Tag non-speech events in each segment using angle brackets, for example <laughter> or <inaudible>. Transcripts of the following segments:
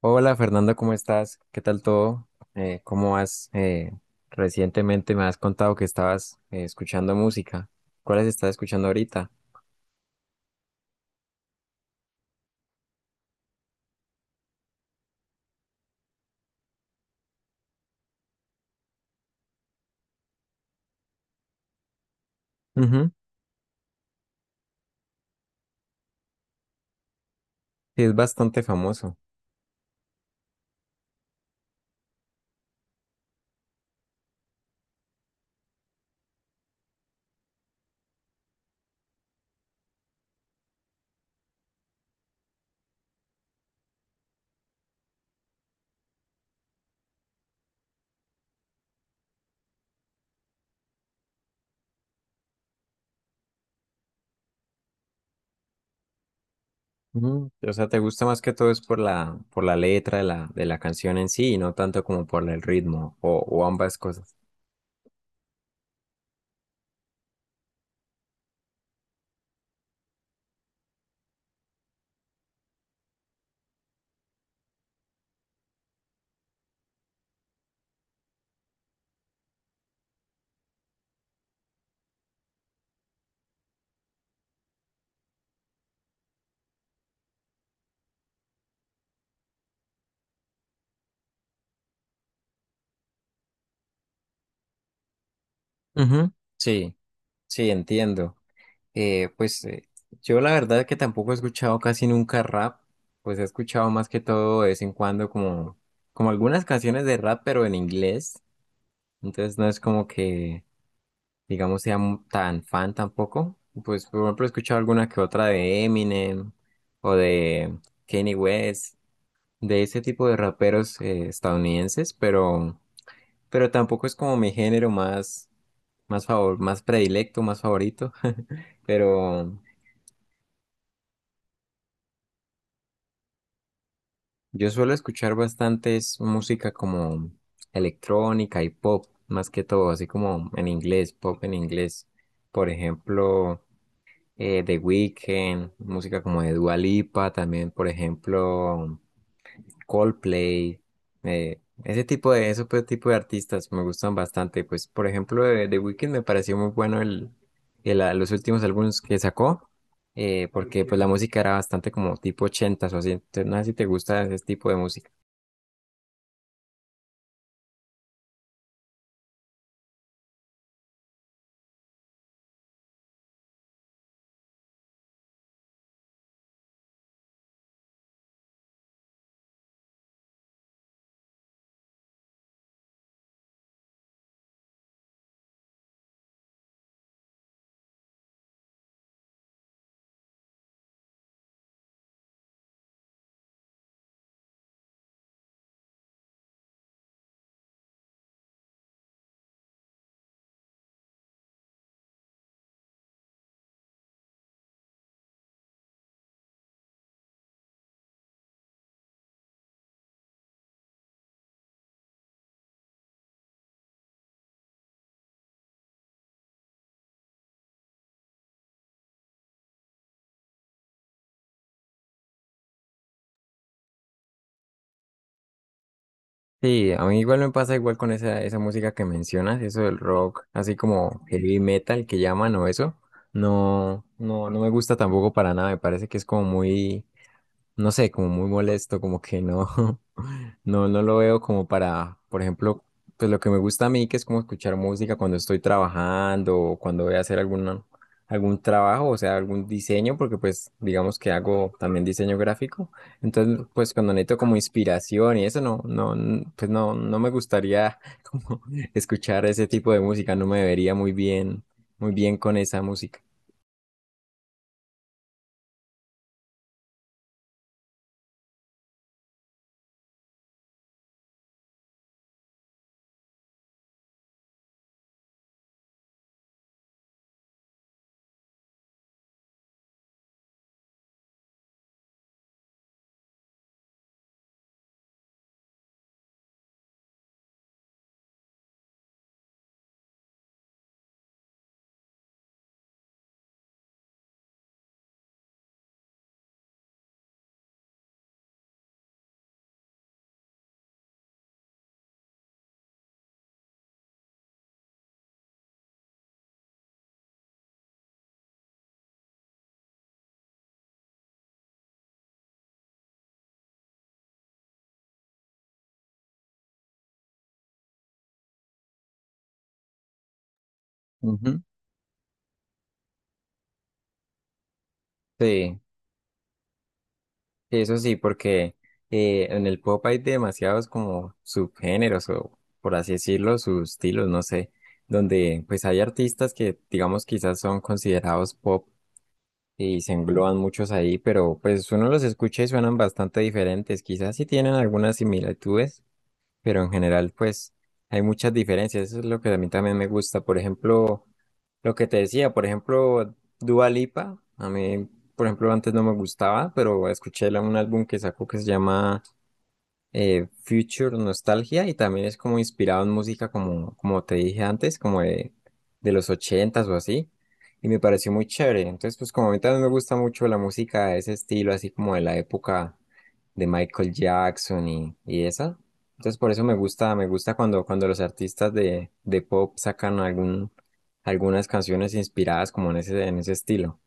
Hola Fernando, ¿cómo estás? ¿Qué tal todo? ¿Cómo vas? Recientemente me has contado que estabas escuchando música. ¿Cuáles estás escuchando ahorita? Ujú. Sí, es bastante famoso. Ujú. O sea, ¿te gusta más que todo es por por la letra de de la canción en sí y no tanto como por el ritmo o ambas cosas? Ujú. Sí, sí, entiendo. Eh, pues eh, yo la verdad que tampoco he escuchado casi nunca rap, pues he escuchado más que todo de vez en cuando, como algunas canciones de rap, pero en inglés, entonces no es como que digamos, sea tan fan tampoco, pues por ejemplo he escuchado alguna que otra de Eminem o de Kanye West, de ese tipo de raperos estadounidenses, pero tampoco es como mi género más favor, más predilecto, más favorito. <laughs> Pero, yo suelo escuchar bastantes música como electrónica y pop, más que todo, así como en inglés, pop en inglés. Por ejemplo, The Weeknd, música como de Dua Lipa, también, por ejemplo, Coldplay, ese tipo de, ese tipo de artistas me gustan bastante. Pues, por ejemplo, de The Weeknd me pareció muy bueno los últimos álbumes que sacó, porque pues la música era bastante como tipo ochentas o así. Entonces, no sé si te gusta ese tipo de música. Sí, a mí igual me pasa igual con esa música que mencionas, eso del rock, así como heavy metal que llaman o eso. No, no, no me gusta tampoco para nada, me parece que es como no sé, como muy molesto, como que no, <laughs> no, no lo veo como para, por ejemplo, pues lo que me gusta a mí, que es como escuchar música cuando estoy trabajando o cuando voy a hacer algún trabajo, o sea, algún diseño, porque pues digamos que hago también diseño gráfico. Entonces, pues cuando necesito como inspiración y eso, no, pues no, no me gustaría <laughs> como escuchar ese tipo de música, no me vería muy bien con esa música. Ujú. Sí. Eso sí, porque en el pop hay demasiados como subgéneros o por así decirlo, sus estilos, no sé, donde pues hay artistas que digamos quizás son considerados pop y se engloban muchos ahí, pero pues uno los escucha y suenan bastante diferentes, quizás sí tienen algunas similitudes, pero en general pues hay muchas diferencias, eso es lo que a mí también me gusta, por ejemplo. Lo que te decía, por ejemplo, Dua Lipa, a mí, por ejemplo, antes no me gustaba, pero escuché un álbum que sacó que se llama Future Nostalgia y también es como inspirado en música como, como te dije antes, como de los ochentas o así. Y me pareció muy chévere. Entonces, pues como a mí también me gusta mucho la música de ese estilo, así como de la época de Michael Jackson y esa. Entonces, por eso me gusta cuando, cuando los artistas de pop sacan algún, algunas canciones inspiradas como en ese estilo.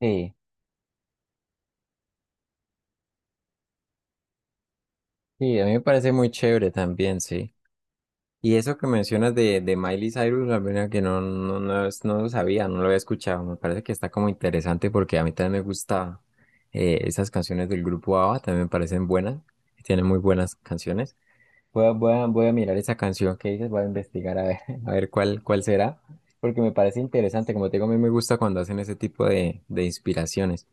Sí, sí, a mí me parece muy chévere también, sí. Y eso que mencionas de Miley Cyrus, la verdad que no, no, no, no lo sabía, no lo había escuchado. Me parece que está como interesante porque a mí también me gusta esas canciones del grupo ABBA, también me parecen buenas, tienen muy buenas canciones. Voy a, voy a, voy a mirar esa canción que dices, voy a investigar a ver, <laughs> a ver cuál, cuál será, porque me parece interesante. Como te digo, a mí me gusta cuando hacen ese tipo de inspiraciones.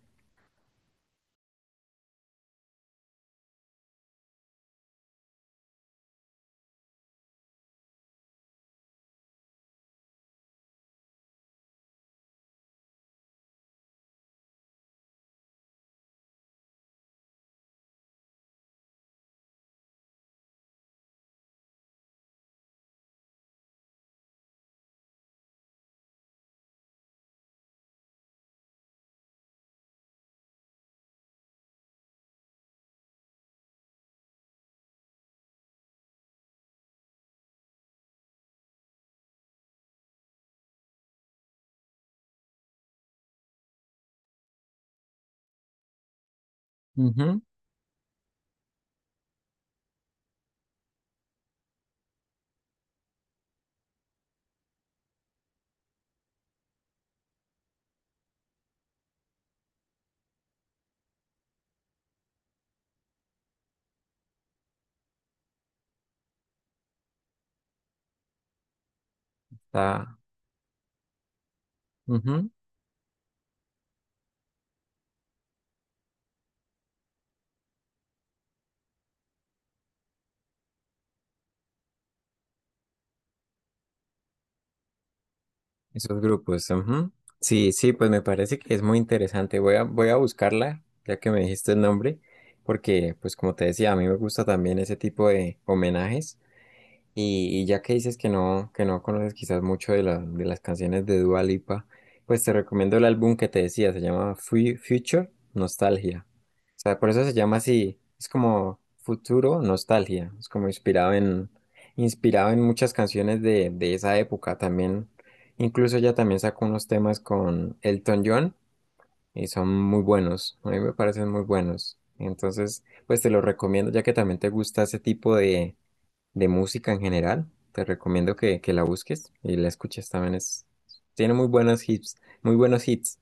Ujú, está, ujú. Esos grupos. Ujú. Sí, sí, pues me parece que es muy interesante. Voy a, voy a buscarla, ya que me dijiste el nombre, porque, pues como te decía, a mí me gusta también ese tipo de homenajes. Y ya que dices que no conoces quizás mucho de las canciones de Dua Lipa, pues te recomiendo el álbum que te decía, se llama Future Nostalgia. O sea, por eso se llama así, es como Futuro Nostalgia, es como inspirado en, inspirado en muchas canciones de esa época también. Incluso ella también sacó unos temas con Elton John y son muy buenos, a mí me parecen muy buenos. Entonces, pues te los recomiendo ya que también te gusta ese tipo de música en general. Te recomiendo que la busques y la escuches también. Es, tiene muy buenos hits, muy buenos hits.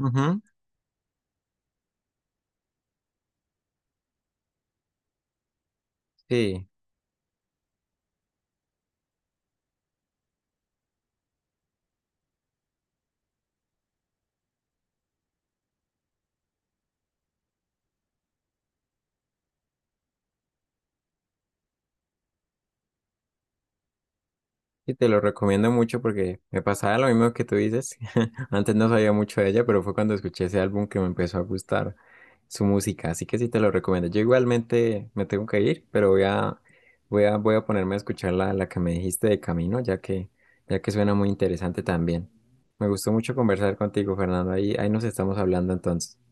Ujú. Sí, y te lo recomiendo mucho porque me pasaba lo mismo que tú dices. <laughs> Antes no sabía mucho de ella, pero fue cuando escuché ese álbum que me empezó a gustar su música. Así que sí te lo recomiendo. Yo igualmente me tengo que ir, pero voy a, voy a, voy a ponerme a escuchar la que me dijiste de camino, ya que ya que suena muy interesante también. Me gustó mucho conversar contigo, Fernando. Ahí, ahí nos estamos hablando entonces.